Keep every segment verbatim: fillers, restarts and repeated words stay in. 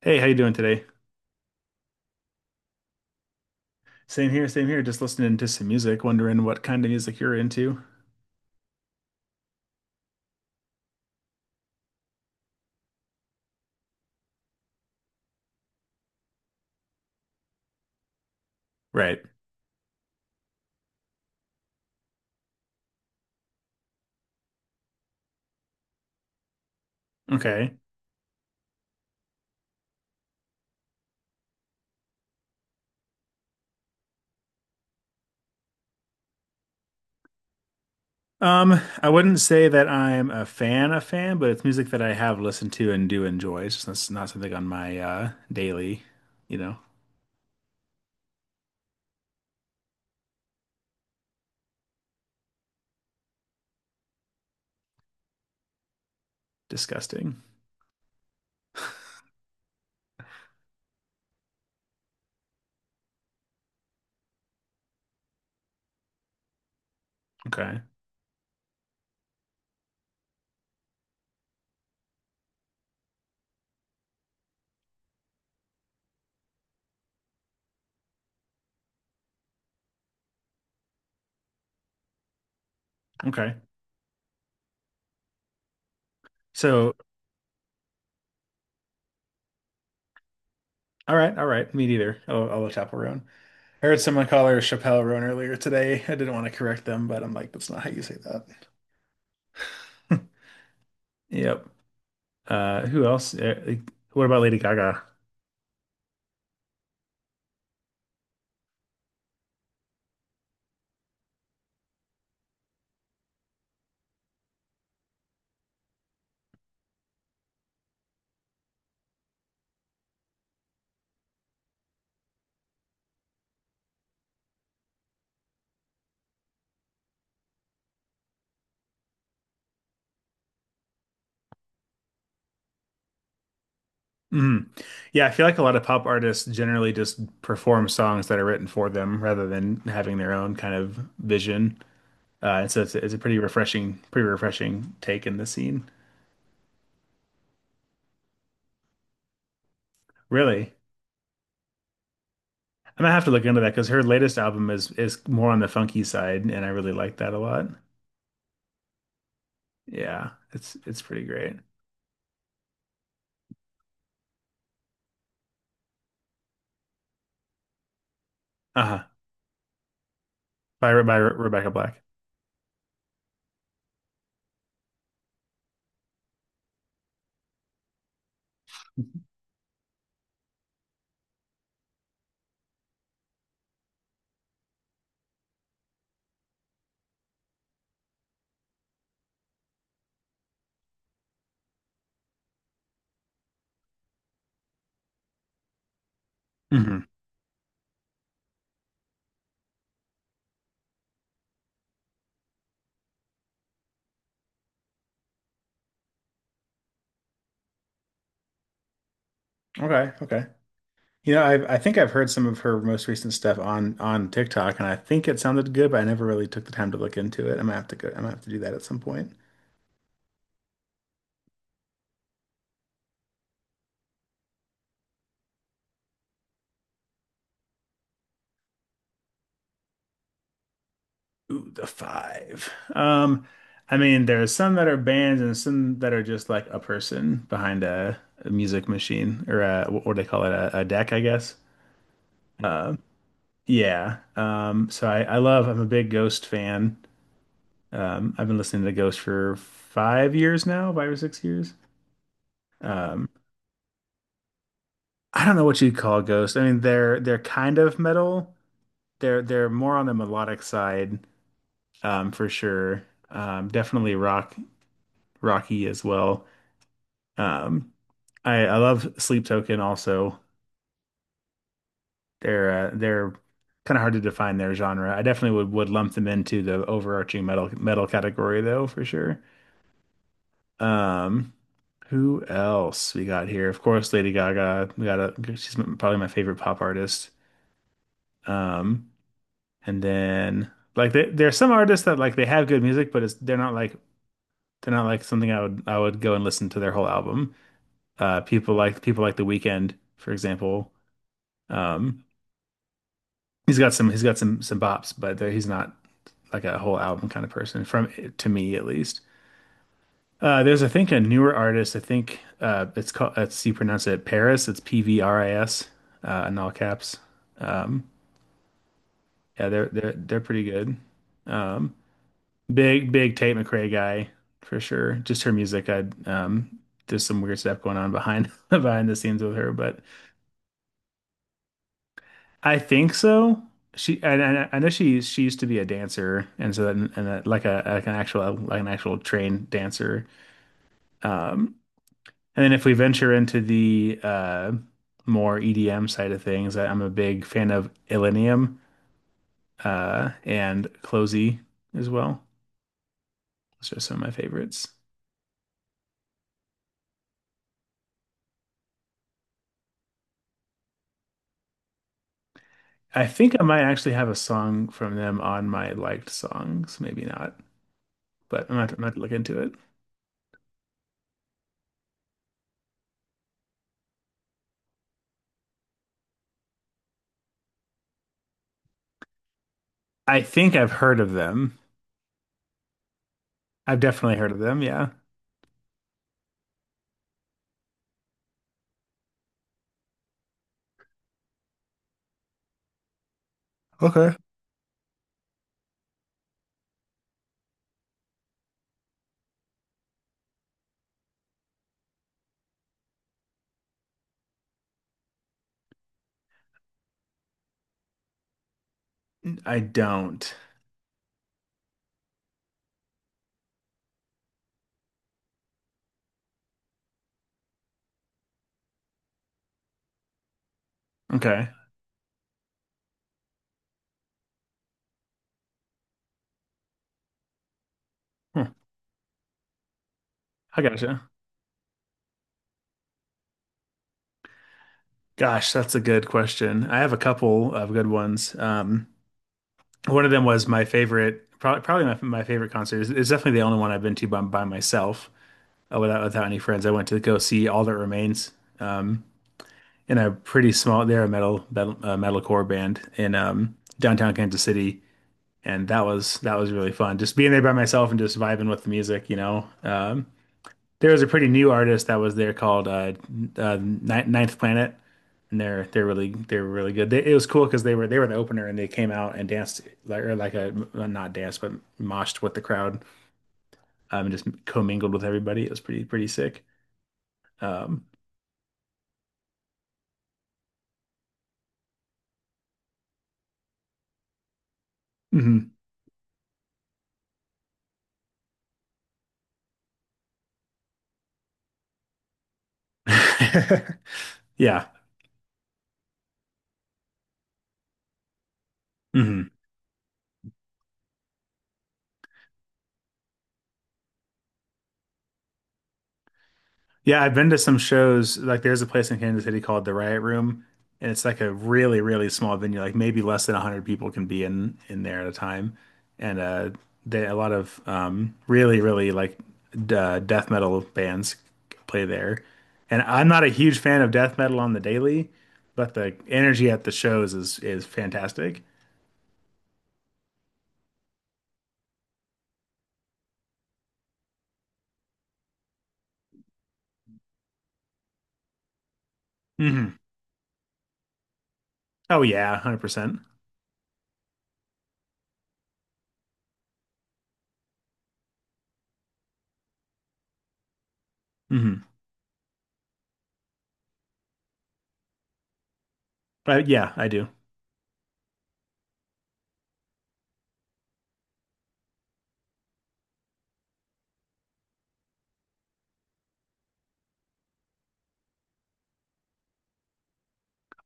Hey, how you doing today? Same here, same here. Just listening to some music, wondering what kind of music you're into. Right. Okay. Um, I wouldn't say that I'm a fan, a fan, but it's music that I have listened to and do enjoy. It's just that's not something on my uh daily, you know, Disgusting. Okay. Okay. So, all right, all right. Me neither. I'll, I'll look up Roan. I heard someone call her Chappelle Roan earlier today. I didn't want to correct them, but I'm like, that's not how you say that. Yep. Uh, who else? Uh, what about Lady Gaga? Mhm. Yeah, I feel like a lot of pop artists generally just perform songs that are written for them rather than having their own kind of vision. Uh, and so it's, it's a pretty refreshing, pretty refreshing take in the scene. Really, I'm gonna have to look into that because her latest album is is more on the funky side, and I really like that a lot. Yeah, it's it's pretty great. Uh-huh. By Re- by Re- Rebecca Black. Hmm. Okay. Okay. You know, I I think I've heard some of her most recent stuff on on TikTok, and I think it sounded good, but I never really took the time to look into it. I'm gonna have to go. I'm gonna have to do that at some point. Ooh, the five. Um, I mean, there are some that are bands and some that are just like a person behind a, a music machine or a, what do they call it? A, a deck, I guess. Um, yeah. Um, so I I love. I'm a big Ghost fan. Um, I've been listening to Ghost for five years now, five or six years. Um. I don't know what you'd call Ghost. I mean, they're they're kind of metal. They're they're more on the melodic side, um, for sure. Um, definitely rock rocky as well. Um, I I love Sleep Token also. They're uh, they're kind of hard to define their genre. I definitely would would lump them into the overarching metal metal category though, for sure. Um, who else we got here? Of course, Lady Gaga. We got a, she's probably my favorite pop artist. Um, And then like they, there are some artists that like they have good music, but it's they're not like they're not like something I would I would go and listen to their whole album. Uh, people like people like The Weeknd, for example. Um, he's got some he's got some some bops, but there, he's not like a whole album kind of person from to me at least. Uh, there's I think a newer artist. I think uh, It's called it's you pronounce it Paris. It's P V R I S uh, in all caps. Um, yeah, they're they're they're pretty good. Um, Big, big Tate McRae guy for sure. Just her music, I um, there's some weird stuff going on behind behind the scenes with her, but I think so. She, and I, I know she she used to be a dancer, and so then and that, like a like an actual like an actual trained dancer. Um, and then if we venture into the uh more E D M side of things, I, I'm a big fan of Illenium uh and Closey as well. Those are some of my favorites. I think I might actually have a song from them on my liked songs. Maybe not, but I'm not, I'm not to look into it. I think I've heard of them. I've definitely heard of them. Yeah. Okay. I don't. Okay. Hmm. I gotcha. Gosh, that's a good question. I have a couple of good ones. Um, one of them was my favorite, probably, probably my, my favorite concert. It's, it's definitely the only one I've been to by, by myself, uh, without without any friends. I went to go see All That Remains. Um, in a pretty small. They're a metal metal uh, metalcore band in um, downtown Kansas City, and that was that was really fun. Just being there by myself and just vibing with the music, you know. Um, there was a pretty new artist that was there called uh, uh, Ninth Planet, and they're they're really they're really good. They, it was cool because they were they were the opener and they came out and danced like or like a well, not danced but moshed with the crowd um, and just commingled with everybody. It was pretty pretty sick. Um, mhm. Yeah. Mhm. Yeah, I've been to some shows. Like, there's a place in Kansas City called the Riot Room, and it's like a really, really small venue. Like, maybe less than one hundred people can be in in there at a time. And uh, they a lot of um, really, really like d uh, death metal bands play there. And I'm not a huge fan of death metal on the daily, but the energy at the shows is is fantastic. Hmm. Oh yeah, one hundred percent. Hmm. But yeah, I do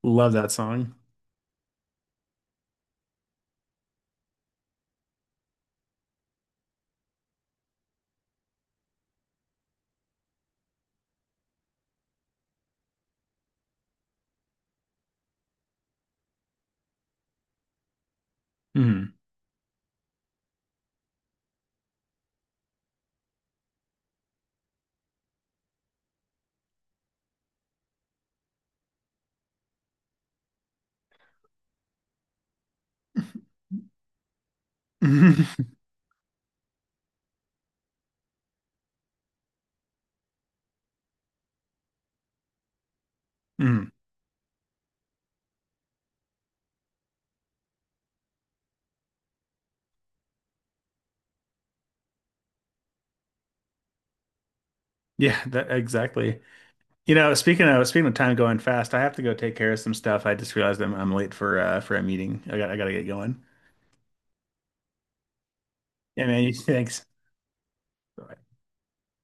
love that song. Hmm. Hmm. Yeah, that, exactly. You know, speaking of speaking of time going fast, I have to go take care of some stuff. I just realized I'm I'm late for uh for a meeting. I got I gotta get going. Yeah, man. You, thanks. Bye.